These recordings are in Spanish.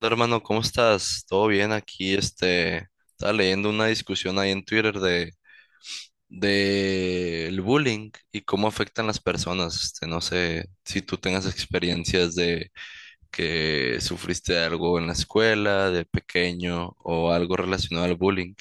Hola, Hermano, ¿cómo estás? ¿Todo bien aquí? Estaba leyendo una discusión ahí en Twitter de el bullying y cómo afectan las personas. No sé si tú tengas experiencias de que sufriste algo en la escuela, de pequeño, o algo relacionado al bullying,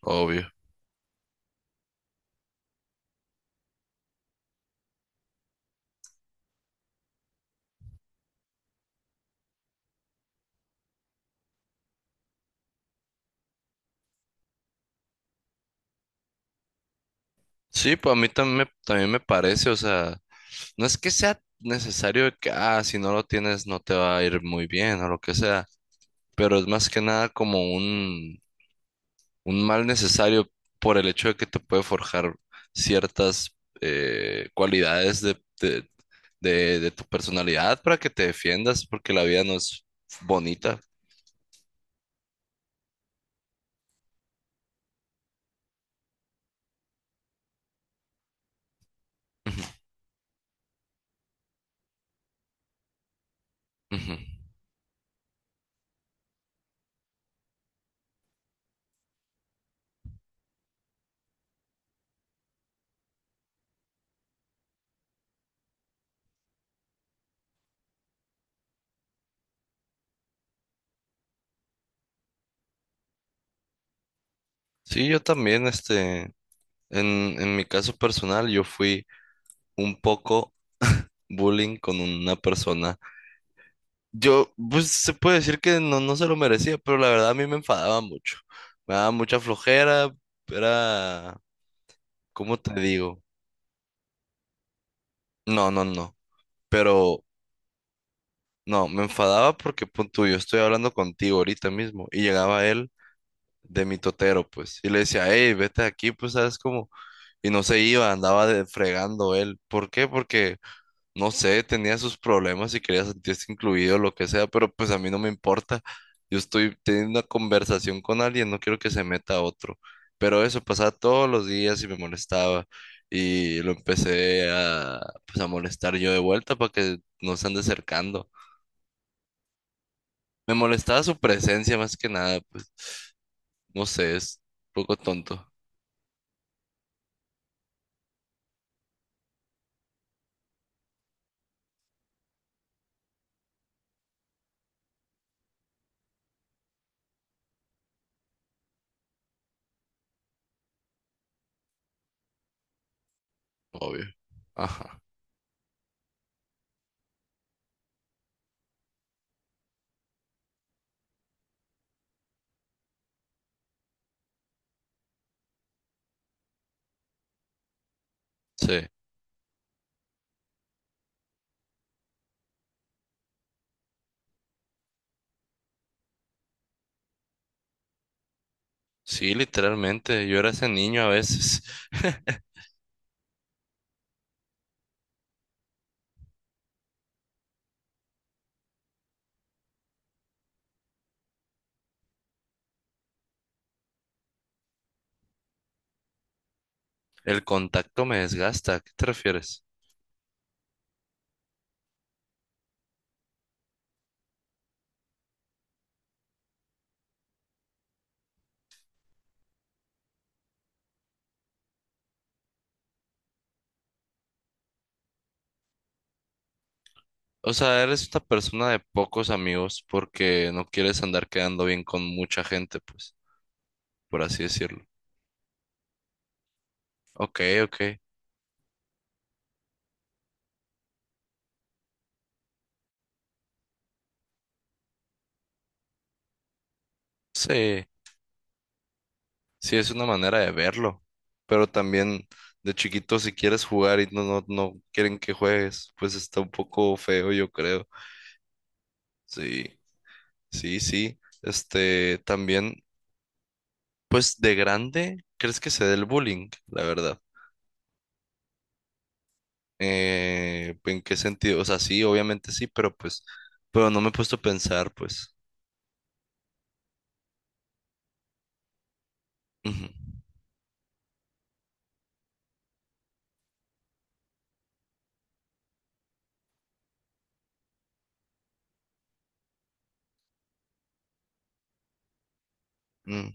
obvio. Sí, pues a también me parece, o sea, no es que sea necesario de que, ah, si no lo tienes no te va a ir muy bien o lo que sea, pero es más que nada como un mal necesario por el hecho de que te puede forjar ciertas cualidades de tu personalidad para que te defiendas, porque la vida no es bonita. Ujú, ujú. Sí, yo también, en, en mi caso personal, yo fui un poco bullying con una persona. Yo, pues se puede decir que no se lo merecía, pero la verdad a mí me enfadaba mucho. Me daba mucha flojera, era, ¿cómo te digo? No, no, no. Pero no, me enfadaba porque, punto, yo estoy hablando contigo ahorita mismo. Y llegaba él de mi totero, pues. Y le decía, hey, vete de aquí, pues, ¿sabes cómo? Y no se iba, fregando él. ¿Por qué? Porque, no sé, tenía sus problemas y quería sentirse incluido, lo que sea, pero pues a mí no me importa. Yo estoy teniendo una conversación con alguien, no quiero que se meta otro. Pero eso pasaba todos los días y me molestaba. Y lo pues, a molestar yo de vuelta para que no se ande acercando. Me molestaba su presencia más que nada, pues no sé, es un poco tonto, obvio. Ajá, sí, sí, literalmente, yo era ese niño a veces. El contacto me desgasta, ¿a qué te refieres? O sea, eres una persona de pocos amigos porque no quieres andar quedando bien con mucha gente, pues, por así decirlo. Ok, ok, sí. Sí, es una manera de verlo, pero también de chiquito si quieres jugar y no quieren que juegues, pues está un poco feo, yo creo. Sí, sí, sí. Este, también, pues de grande, ¿crees que se dé el bullying? La verdad. ¿En qué sentido? O sea, sí, obviamente sí, pero pues, pero no me he puesto a pensar, pues. Ujú. Mm.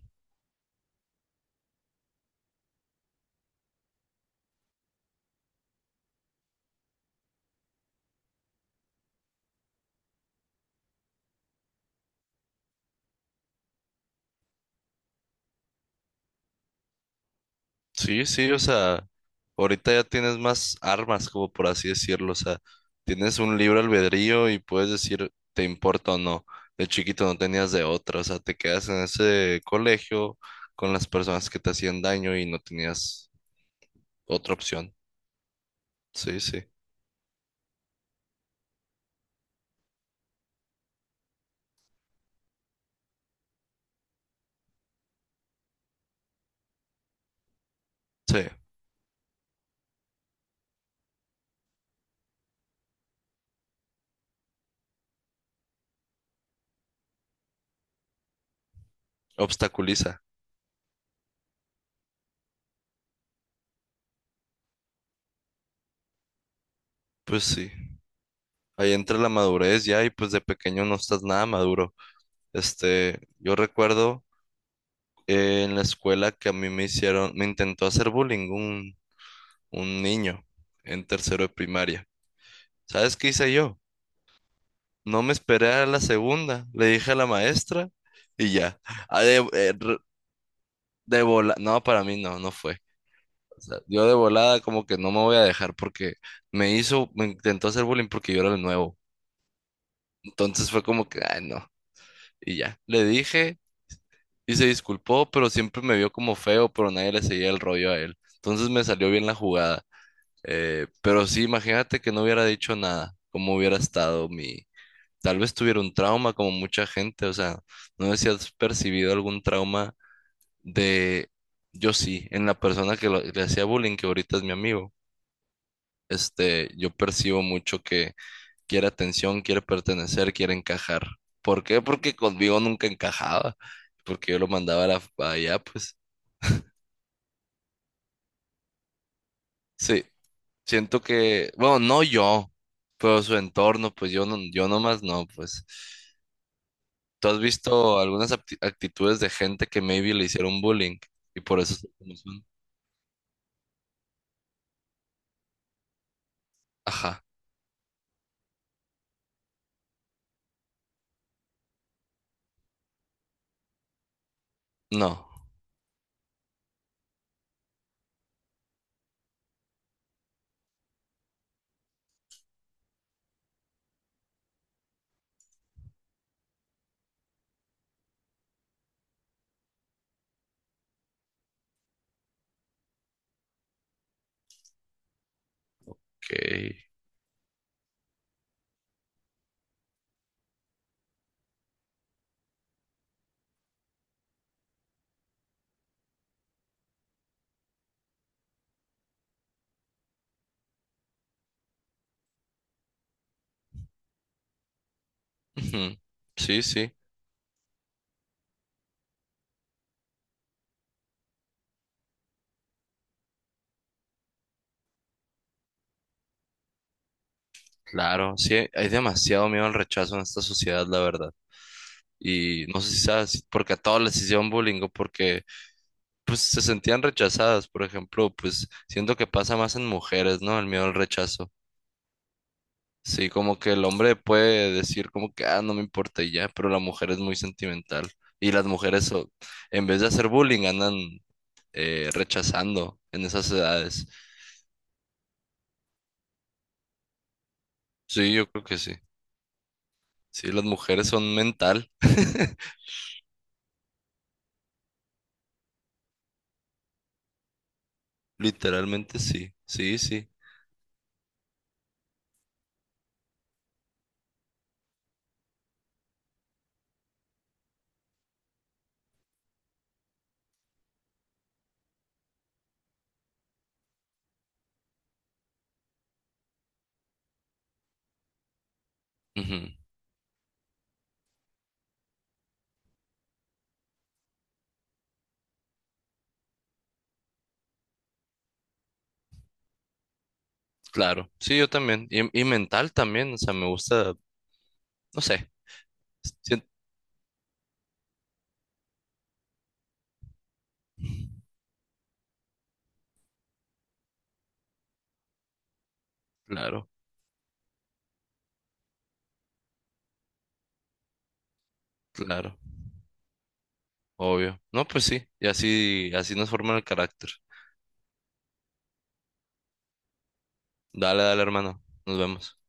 Sí, sí, o sea, ahorita ya tienes más armas, como por así decirlo, o sea, tienes un libre albedrío y puedes decir te importa o no. De chiquito no tenías de otra, o sea, te quedas en ese colegio con las personas que te hacían daño y no tenías otra opción. Sí, sí, sí, obstaculiza. Pues sí, ahí entra la madurez ya y pues de pequeño no estás nada maduro. Yo recuerdo en la escuela que a me intentó hacer bullying un niño en tercero de primaria. ¿Sabes qué hice yo? No me esperé a la segunda, le dije a la maestra y ya. Ah, de, re- de vola- No, para mí no, no fue. O sea, yo de volada como que no me voy a dejar porque me intentó hacer bullying porque yo era el nuevo. Entonces fue como que, ay, no. Y ya, le dije y se disculpó, pero siempre me vio como feo, pero nadie le seguía el rollo a él. Entonces me salió bien la jugada. Pero sí, imagínate que no hubiera dicho nada, cómo hubiera estado mi, tal vez tuviera un trauma como mucha gente, o sea, no sé si has percibido algún trauma de, yo sí, en la persona que le hacía bullying, que ahorita es mi amigo, yo percibo mucho que quiere atención, quiere pertenecer, quiere encajar. ¿Por qué? Porque conmigo nunca encajaba, porque yo lo mandaba a a allá, pues, sí, siento que, bueno, no yo, pero su entorno, pues yo no, yo nomás no, pues. ¿Tú has visto algunas actitudes de gente que maybe le hicieron bullying y por eso son como son? Ajá, no. Ok. Ujú. Sí, sí, claro. Sí, hay demasiado miedo al rechazo en esta sociedad, la verdad. Y no sé si sabes, si porque a todos les hicieron bullying o porque pues se sentían rechazadas, por ejemplo, pues siento que pasa más en mujeres, ¿no? El miedo al rechazo. Sí, como que el hombre puede decir como que, ah, no me importa y ya, pero la mujer es muy sentimental. Y las en vez de hacer bullying, andan rechazando en esas edades. Sí, yo creo que sí. Sí, las mujeres son mental. Literalmente sí, sí, sí. Ujú, claro, sí, yo también. Y mental también, o sea, me gusta, no sé. sien- Claro, claro, obvio. No, pues sí, y así, así nos forman el carácter. Dale, dale, hermano. Nos vemos.